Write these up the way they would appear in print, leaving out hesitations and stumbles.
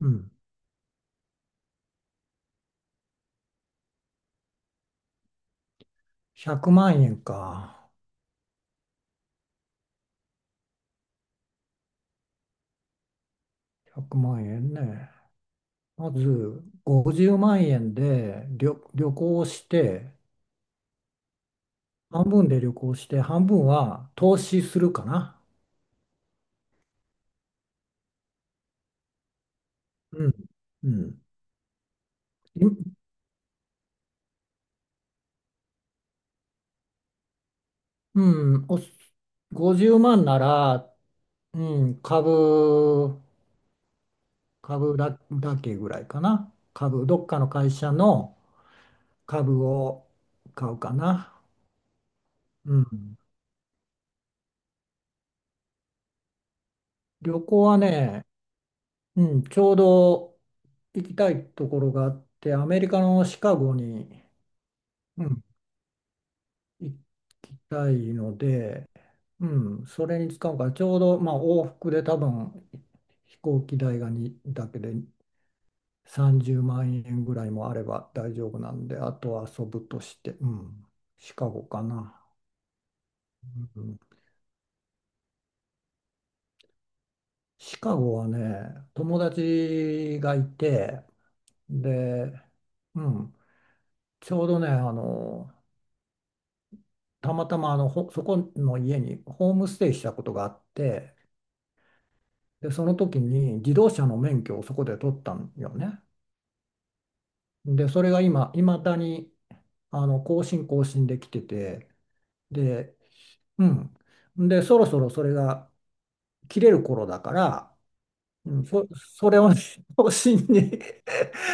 うん。100万円か。100万円ね。まず、50万円で旅行をして、半分で旅行して、半分は投資するかな。うん。うん。いうん、50万なら、うん、株、株だ、だけぐらいかな。株、どっかの会社の株を買うかな。うん。旅行はね、うん、ちょうど行きたいところがあって、アメリカのシカゴに、うん、行きたいので、うん、それに使うから、ちょうど、まあ、往復で多分飛行機代がだけで30万円ぐらいもあれば大丈夫なんで、あとは遊ぶとして、うん、シカゴかな。うん、シカゴはね、友達がいて、で、うん、ちょうどね、たまたまあのほそこの家にホームステイしたことがあって、でその時に自動車の免許をそこで取ったんよね。でそれがいまだに更新できてて、で、うん。でそろそろそれが切れる頃だから、うん、それを 更新に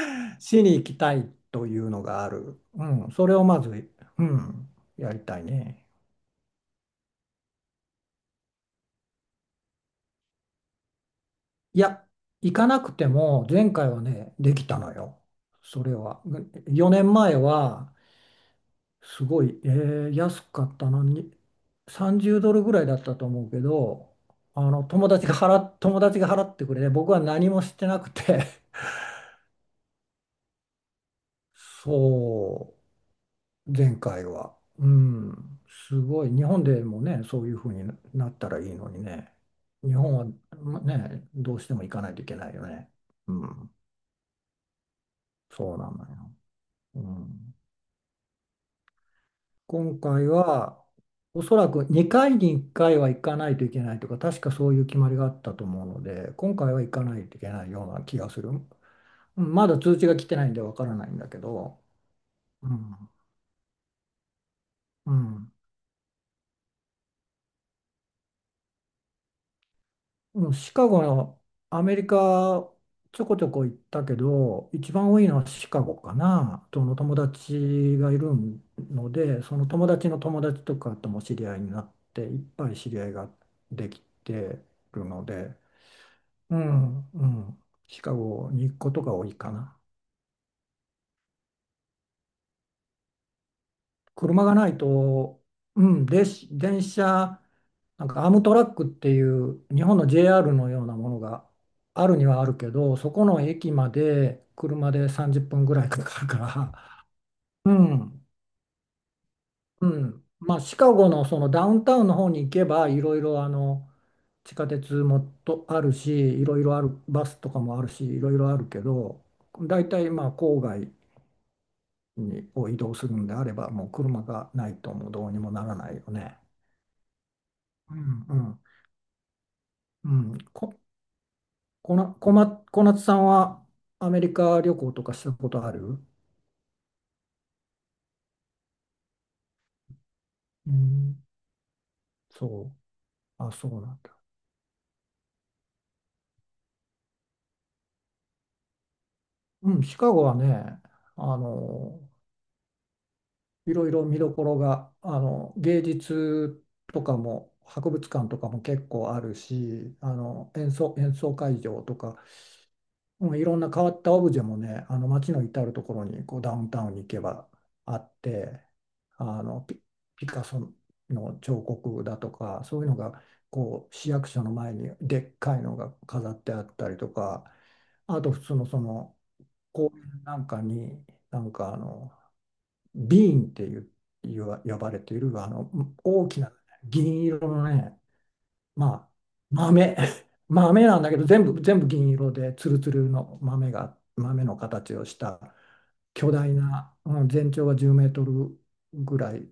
しに行きたいというのがある。うん、それをまず、うん、やりたいね。いや、行かなくても前回はね、できたのよ。それは。4年前は、すごい、安かったのに、30ドルぐらいだったと思うけど、あの、友達が払ってくれて、僕は何もしてなくて、そう、前回は。うん、すごい。日本でもね、そういうふうになったらいいのにね。日本はね、どうしても行かないといけないよね。うん、そうなのよ。うん、今回はおそらく2回に1回は行かないといけないとか、確かそういう決まりがあったと思うので、今回は行かないといけないような気がする。うん、まだ通知が来てないんでわからないんだけど、うん、うん、うん、シカゴのアメリカちょこちょこ行ったけど、一番多いのはシカゴかな、その友達がいるので、その友達の友達とかとも知り合いになって、いっぱい知り合いができてるので。うん、うん。シカゴに行くことが多いかな。車がないと、うん、で、電車、なんかアームトラックっていう日本の JR のようなものがあるにはあるけど、そこの駅まで車で30分ぐらいかかるから、うん、うん。まあ、シカゴのそのダウンタウンの方に行けば、いろいろ、地下鉄もとあるし、いろいろある、バスとかもあるし、いろいろあるけど、大体まあ郊外を移動するのであれば、もう車がないともうどうにもならないよね。うん、うん、うん。こ、こな、こま、小夏さんはアメリカ旅行とかしたことある？うん、そう。あ、そうなんだ。うん、シカゴはね、あの、いろいろ見どころが、あの、芸術とかも、博物館とかも結構あるし、あの、演奏会場とか、うん、いろんな変わったオブジェもね、あの街の至るところに、こうダウンタウンに行けばあって、あのピ、ピカソの彫刻だとか、そういうのがこう市役所の前にでっかいのが飾ってあったりとか、あと普通のその公園なんかに、なんかあのビーンっていう、呼ばれているあの大きな銀色のね、まあ、豆、豆なんだけど、全部銀色で、ツルツルの豆が、豆の形をした巨大な、うん、全長が10メートルぐらい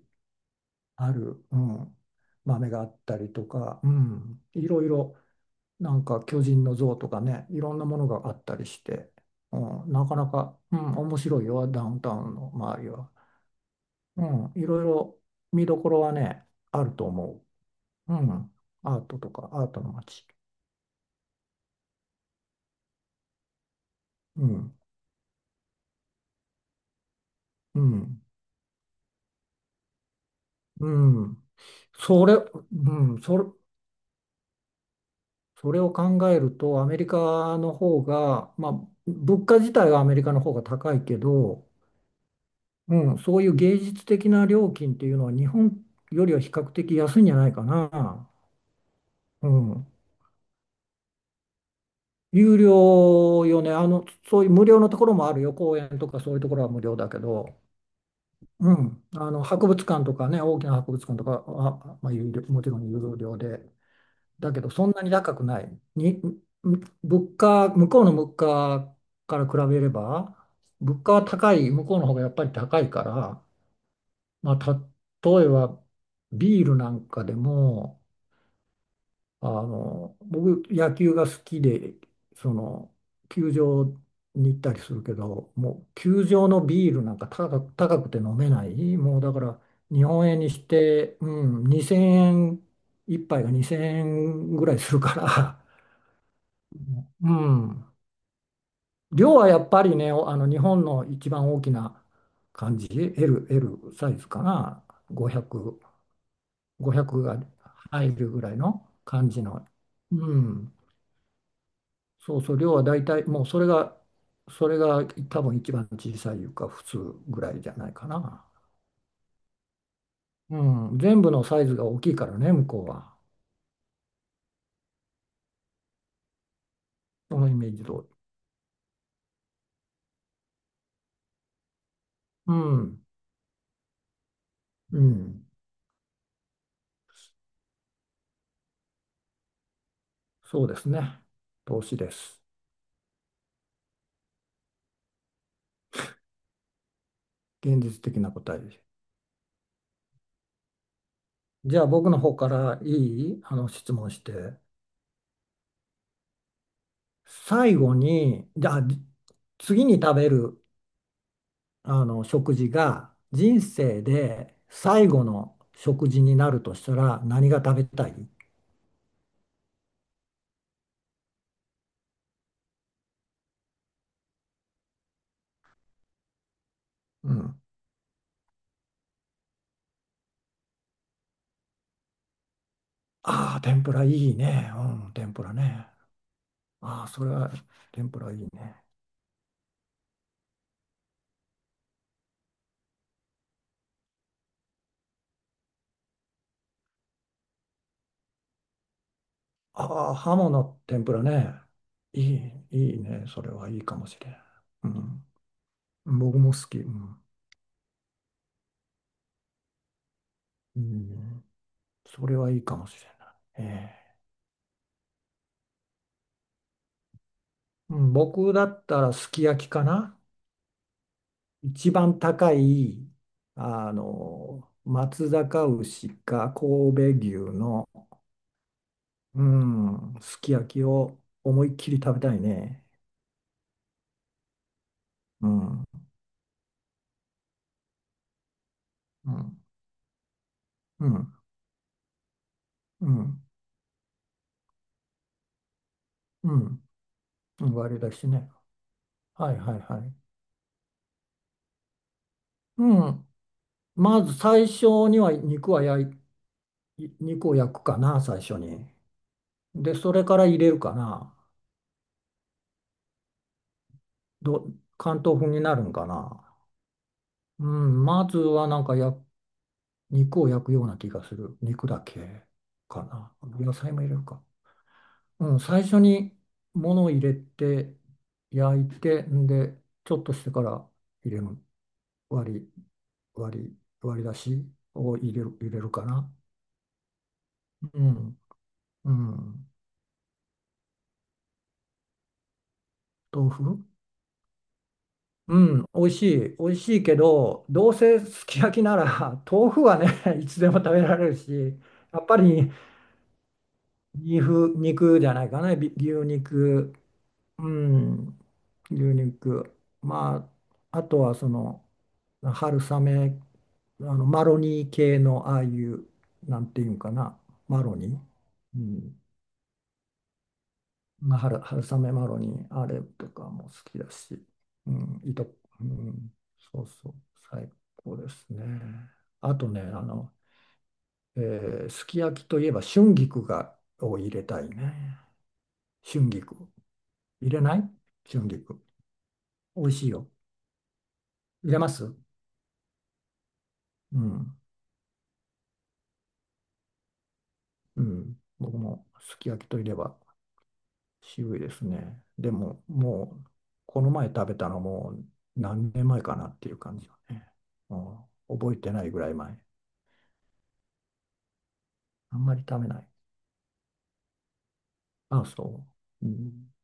ある、うん、豆があったりとか、うん、いろいろ、なんか巨人の像とかね、いろんなものがあったりして、うん、なかなか、うん、面白いよ、ダウンタウンの周りは。うん、いろいろ見どころはね、あると思う。うん、アートとか、アートの街。うん、うん、うん、それ、うん、それ、それを考えると、アメリカの方が、まあ、物価自体はアメリカの方が高いけど、うん、そういう芸術的な料金っていうのは日本よりは比較的安いんじゃないかな。うん、有料よね、あの、そういう無料のところもあるよ、公園とかそういうところは無料だけど、うん、あの博物館とかね、大きな博物館とかは、まあ、もちろん有料で。だけどそんなに高くない。向こうの物価から比べれば、物価は高い、向こうの方がやっぱり高いから、まあ、例えばビールなんかでも、あの、僕野球が好きで、その、球場に行ったりするけど、もう球場のビールなんか高くて飲めない。もうだから日本円にして、うん、2000円、一杯が2000円ぐらいするから、うん、量はやっぱりね、あの日本の一番大きな感じ、L サイズかな、500、5が入るぐらいの感じの、うん、そうそう、量は大体、もうそれが多分一番小さいいうか、普通ぐらいじゃないかな。うん、全部のサイズが大きいからね、向こうは。そのイメージ通り。うん、うん、そうですね。投資です。現実的な答えです。じゃあ僕の方からいいあの質問して。最後に、じゃあ、次に食べるあの食事が人生で最後の食事になるとしたら何が食べたい？うん。ああ、天ぷらいいね。うん、天ぷらね。ああ、それは天ぷらいいね。ああ、ハモの天ぷらね。いいね。それはいいかもしれん。うん。僕も好き。うん。うん、それはいいかもしれない。ええ、うん、僕だったらすき焼きかな。一番高い、あの、松阪牛か神戸牛の、うん、すき焼きを思いっきり食べたいね。うん、うん、うん、うん、うん、うん、割り出しね。はいはいはい。うん、まず最初には肉を焼くかな、最初に。で、それから入れるかな。ど、関東風になるんかな。うん、まずはなんか焼肉を焼くような気がする。肉だけかな。野菜も入れるか。うん、最初に物を入れて焼いて、んで、ちょっとしてから入れる。割り、割り、割り出しを入れるかな。うん、うん。豆腐、うん、美味しい。美味しいけど、どうせすき焼きなら、豆腐はね、いつでも食べられるし、やっぱり、肉じゃないかな、牛肉、うん、牛肉。まあ、あとはその春雨、あのマロニー系のああいう、なんていうんかな、マロニー、うん、まあ、春雨マロニー、あれとかも好きだし、うん、うん、そうそう、最高ですね。あとね、あの、えすき焼きといえば春菊を入れたいね。春菊。入れない春菊。美味しいよ。入れます、うん、うん。僕もすき焼きといえば渋いですね。でも、もう、この前食べたのもう何年前かなっていう感じよね。うん、覚えてないぐらい前。あんまり食べない。あ、そう。うん、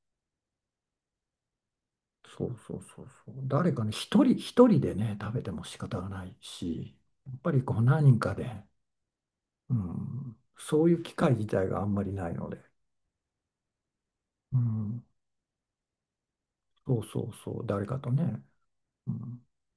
そうそうそうそう。誰かね、一人でね、食べても仕方がないし、やっぱりこう何人かで、うん、そういう機会自体があんまりないので、うん、そうそうそう、誰かとね。うん